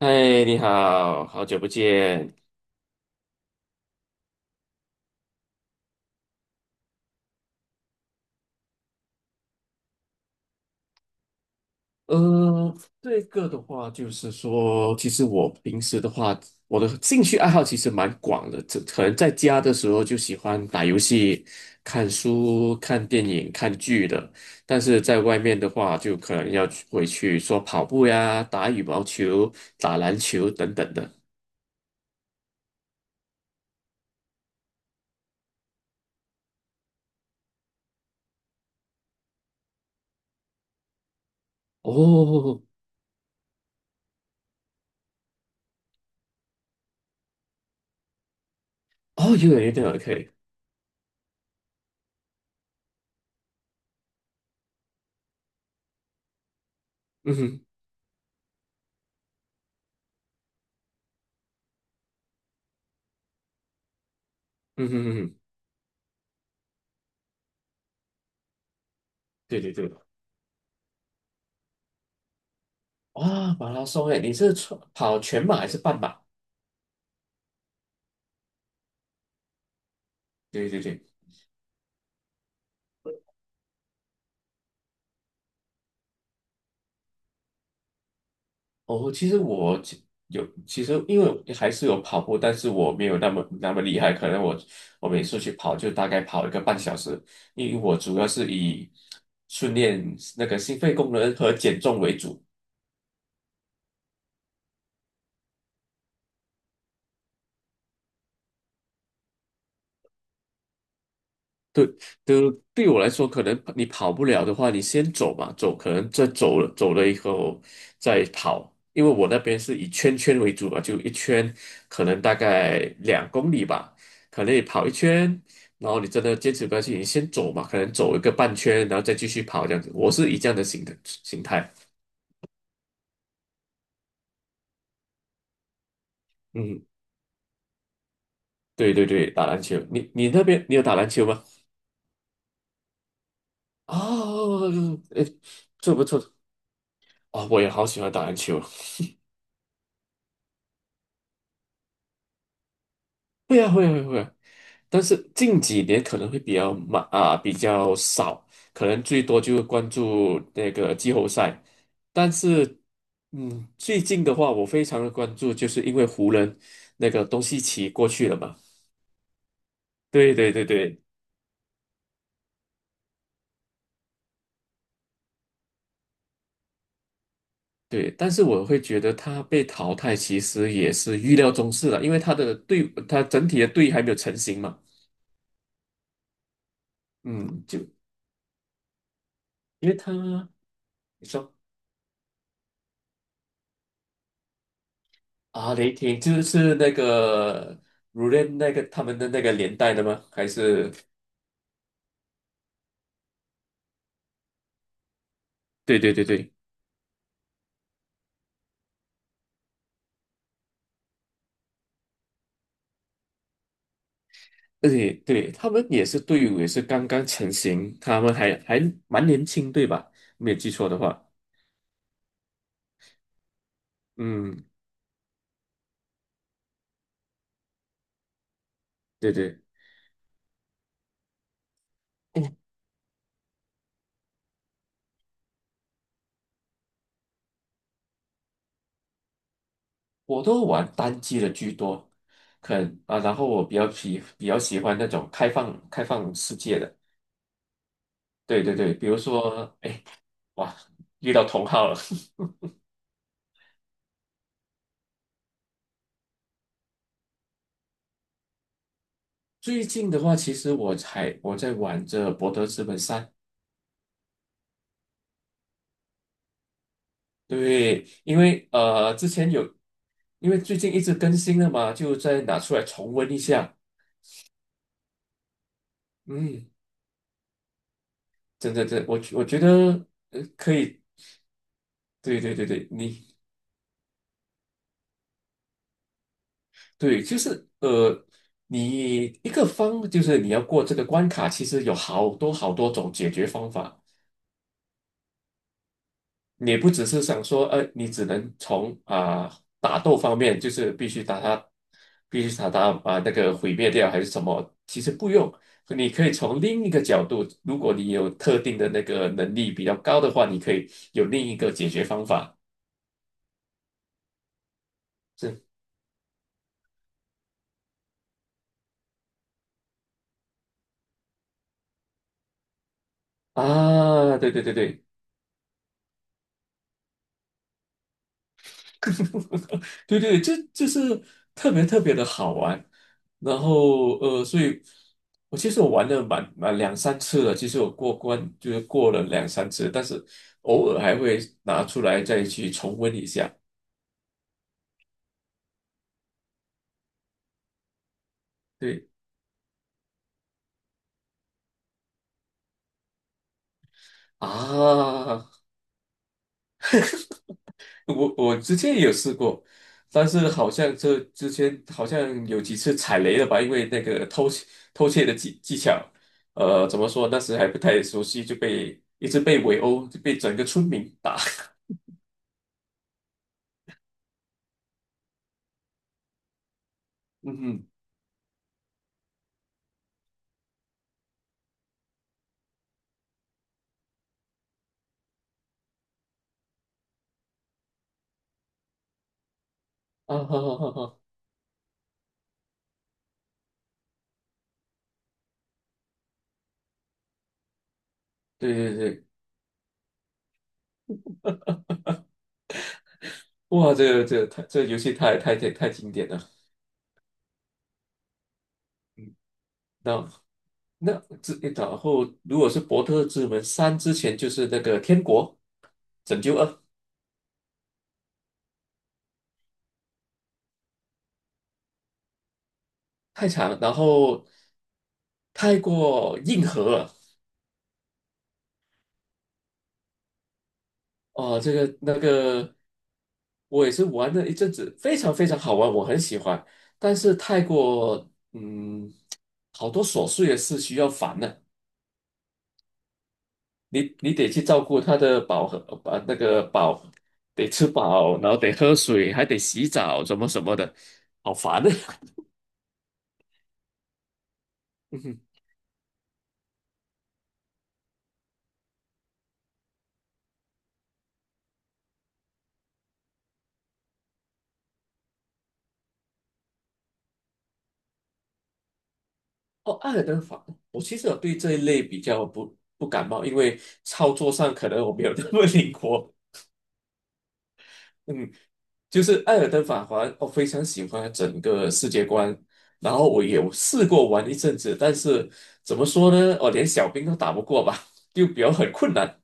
嗨，你好，好久不见。呃，这个的话就是说，其实我平时的话，我的兴趣爱好其实蛮广的。这可能在家的时候就喜欢打游戏、看书、看电影、看剧的，但是在外面的话，就可能要去回去说跑步呀、打羽毛球、打篮球等等的。哦，哦，有点 OK，嗯哼，嗯哼嗯哼，对对对，哇，马拉松诶，你是跑全马还是半马？对对对，哦，其实我其实因为我还是有跑步，但是我没有那么那么厉害，可能我每次去跑就大概跑1个半小时，因为我主要是以训练那个心肺功能和减重为主。对，对，对我来说，可能你跑不了的话，你先走嘛，走，可能再走了，走了以后再跑，因为我那边是以圈圈为主嘛，就一圈，可能大概2公里吧，可能你跑一圈，然后你真的坚持不下去，你先走嘛，可能走一个半圈，然后再继续跑这样子，我是以这样的形态，嗯，对对对，打篮球，你那边你有打篮球吗？哦，哎，这不错，我也好喜欢打篮球。会啊，会啊，会啊会啊，但是近几年可能会比较慢啊，比较少，可能最多就关注那个季后赛。但是，嗯，最近的话，我非常的关注，就是因为湖人那个东契奇过去了嘛。对对对对对，但是我会觉得他被淘汰其实也是预料中事了，因为他的队，他整体的队还没有成型嘛。嗯，就因为他，你说。啊，雷霆就是那个 r u 那个他们的那个年代的吗？还是？对对对对，而且对他们也是队伍也是刚刚成型，他们还蛮年轻，对吧？没有记错的话，嗯，对对，我都玩单机的居多，可能啊，然后我比较喜欢那种开放世界的，对对对，比如说，哎，哇，遇到同好了。最近的话，其实我在玩着《博德之门三》，对，因为之前有，因为最近一直更新了嘛，就再拿出来重温一下。嗯，真的，真的，我觉得可以，对对对对，你对，就是你一个方就是你要过这个关卡，其实有好多好多种解决方法。你不只是想说，你只能从打斗方面，就是必须打他，必须把那个毁灭掉还是什么？其实不用，你可以从另一个角度，如果你有特定的那个能力比较高的话，你可以有另一个解决方法。是啊，对对对对，对对，这就是特别特别的好玩。然后所以其实我玩了蛮两三次了，其实我过关就是过了两三次，但是偶尔还会拿出来再去重温一下。对啊，我之前也有试过，但是好像这之前好像有几次踩雷了吧，因为那个偷窃的技巧，怎么说那时还不太熟悉，就被一直被围殴，就被整个村民打。嗯哼。啊哈哈哈哈！对对对，哇，这个这个太这个游戏太经典了。那那这然后如果是《博特之门三》之前就是那个《天国拯救二》，太长了，然后太过硬核了。哦，这个那个我也是玩了一阵子，非常非常好玩，我很喜欢，但是太过好多琐碎的事需要烦的。你得去照顾它的饱和，把那个饱，得吃饱，然后得喝水，还得洗澡，什么什么的，好烦的。嗯哼哦，爱尔兰法，其实我对这一类比较不感冒，因为操作上可能我没有那么灵活。嗯，就是《艾尔登法环》，我非常喜欢整个世界观。然后我有试过玩一阵子，但是怎么说呢？我连小兵都打不过吧，就比较很困难。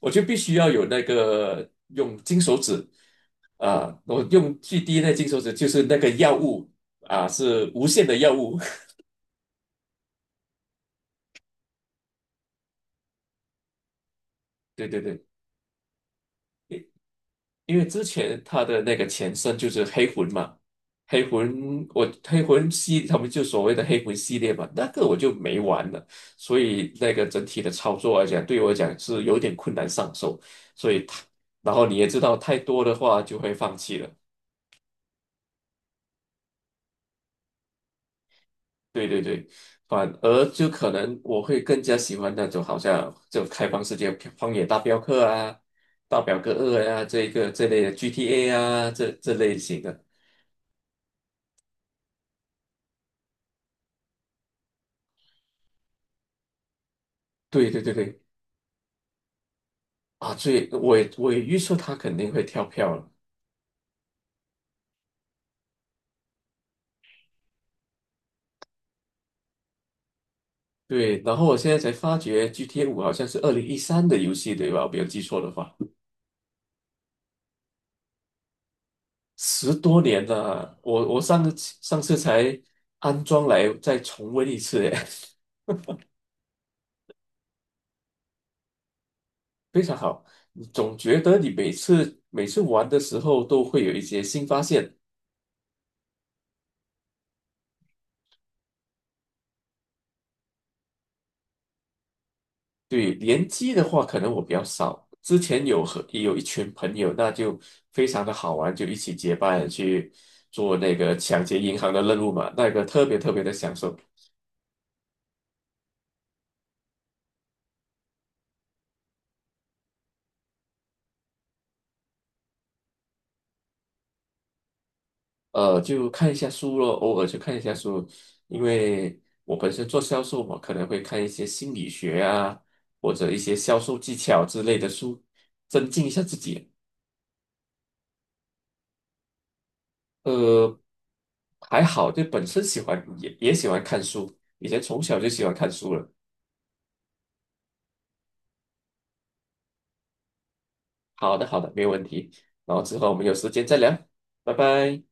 我就必须要有那个用金手指我用最低那金手指就是那个药物是无限的药物。对对对。因为之前他的那个前身就是黑魂嘛，黑魂我黑魂系他们就所谓的黑魂系列嘛，那个我就没玩了，所以那个整体的操作来讲，对我来讲是有点困难上手，所以它，然后你也知道太多的话就会放弃了，对对对，反而就可能我会更加喜欢那种好像就开放世界《荒野大镖客》啊，《大表哥二》啊，这一个这类的 GTA 啊，这类型的。对对对对，啊，最我也我也预测他肯定会跳票了。对，然后我现在才发觉 GTA 5好像是2013的游戏，对吧？我没有记错的话，10多年了啊。我上次才安装来再重温一次，哎，非常好。总觉得你每次每次玩的时候都会有一些新发现。对，联机的话，可能我比较少。之前也有一群朋友，那就非常的好玩，就一起结伴去做那个抢劫银行的任务嘛，那个特别特别的享受。就看一下书咯，偶尔去看一下书，因为我本身做销售嘛，可能会看一些心理学啊，或者一些销售技巧之类的书，增进一下自己。呃，还好，就本身喜欢也喜欢看书，以前从小就喜欢看书了。好的，好的，没有问题。然后之后我们有时间再聊，拜拜。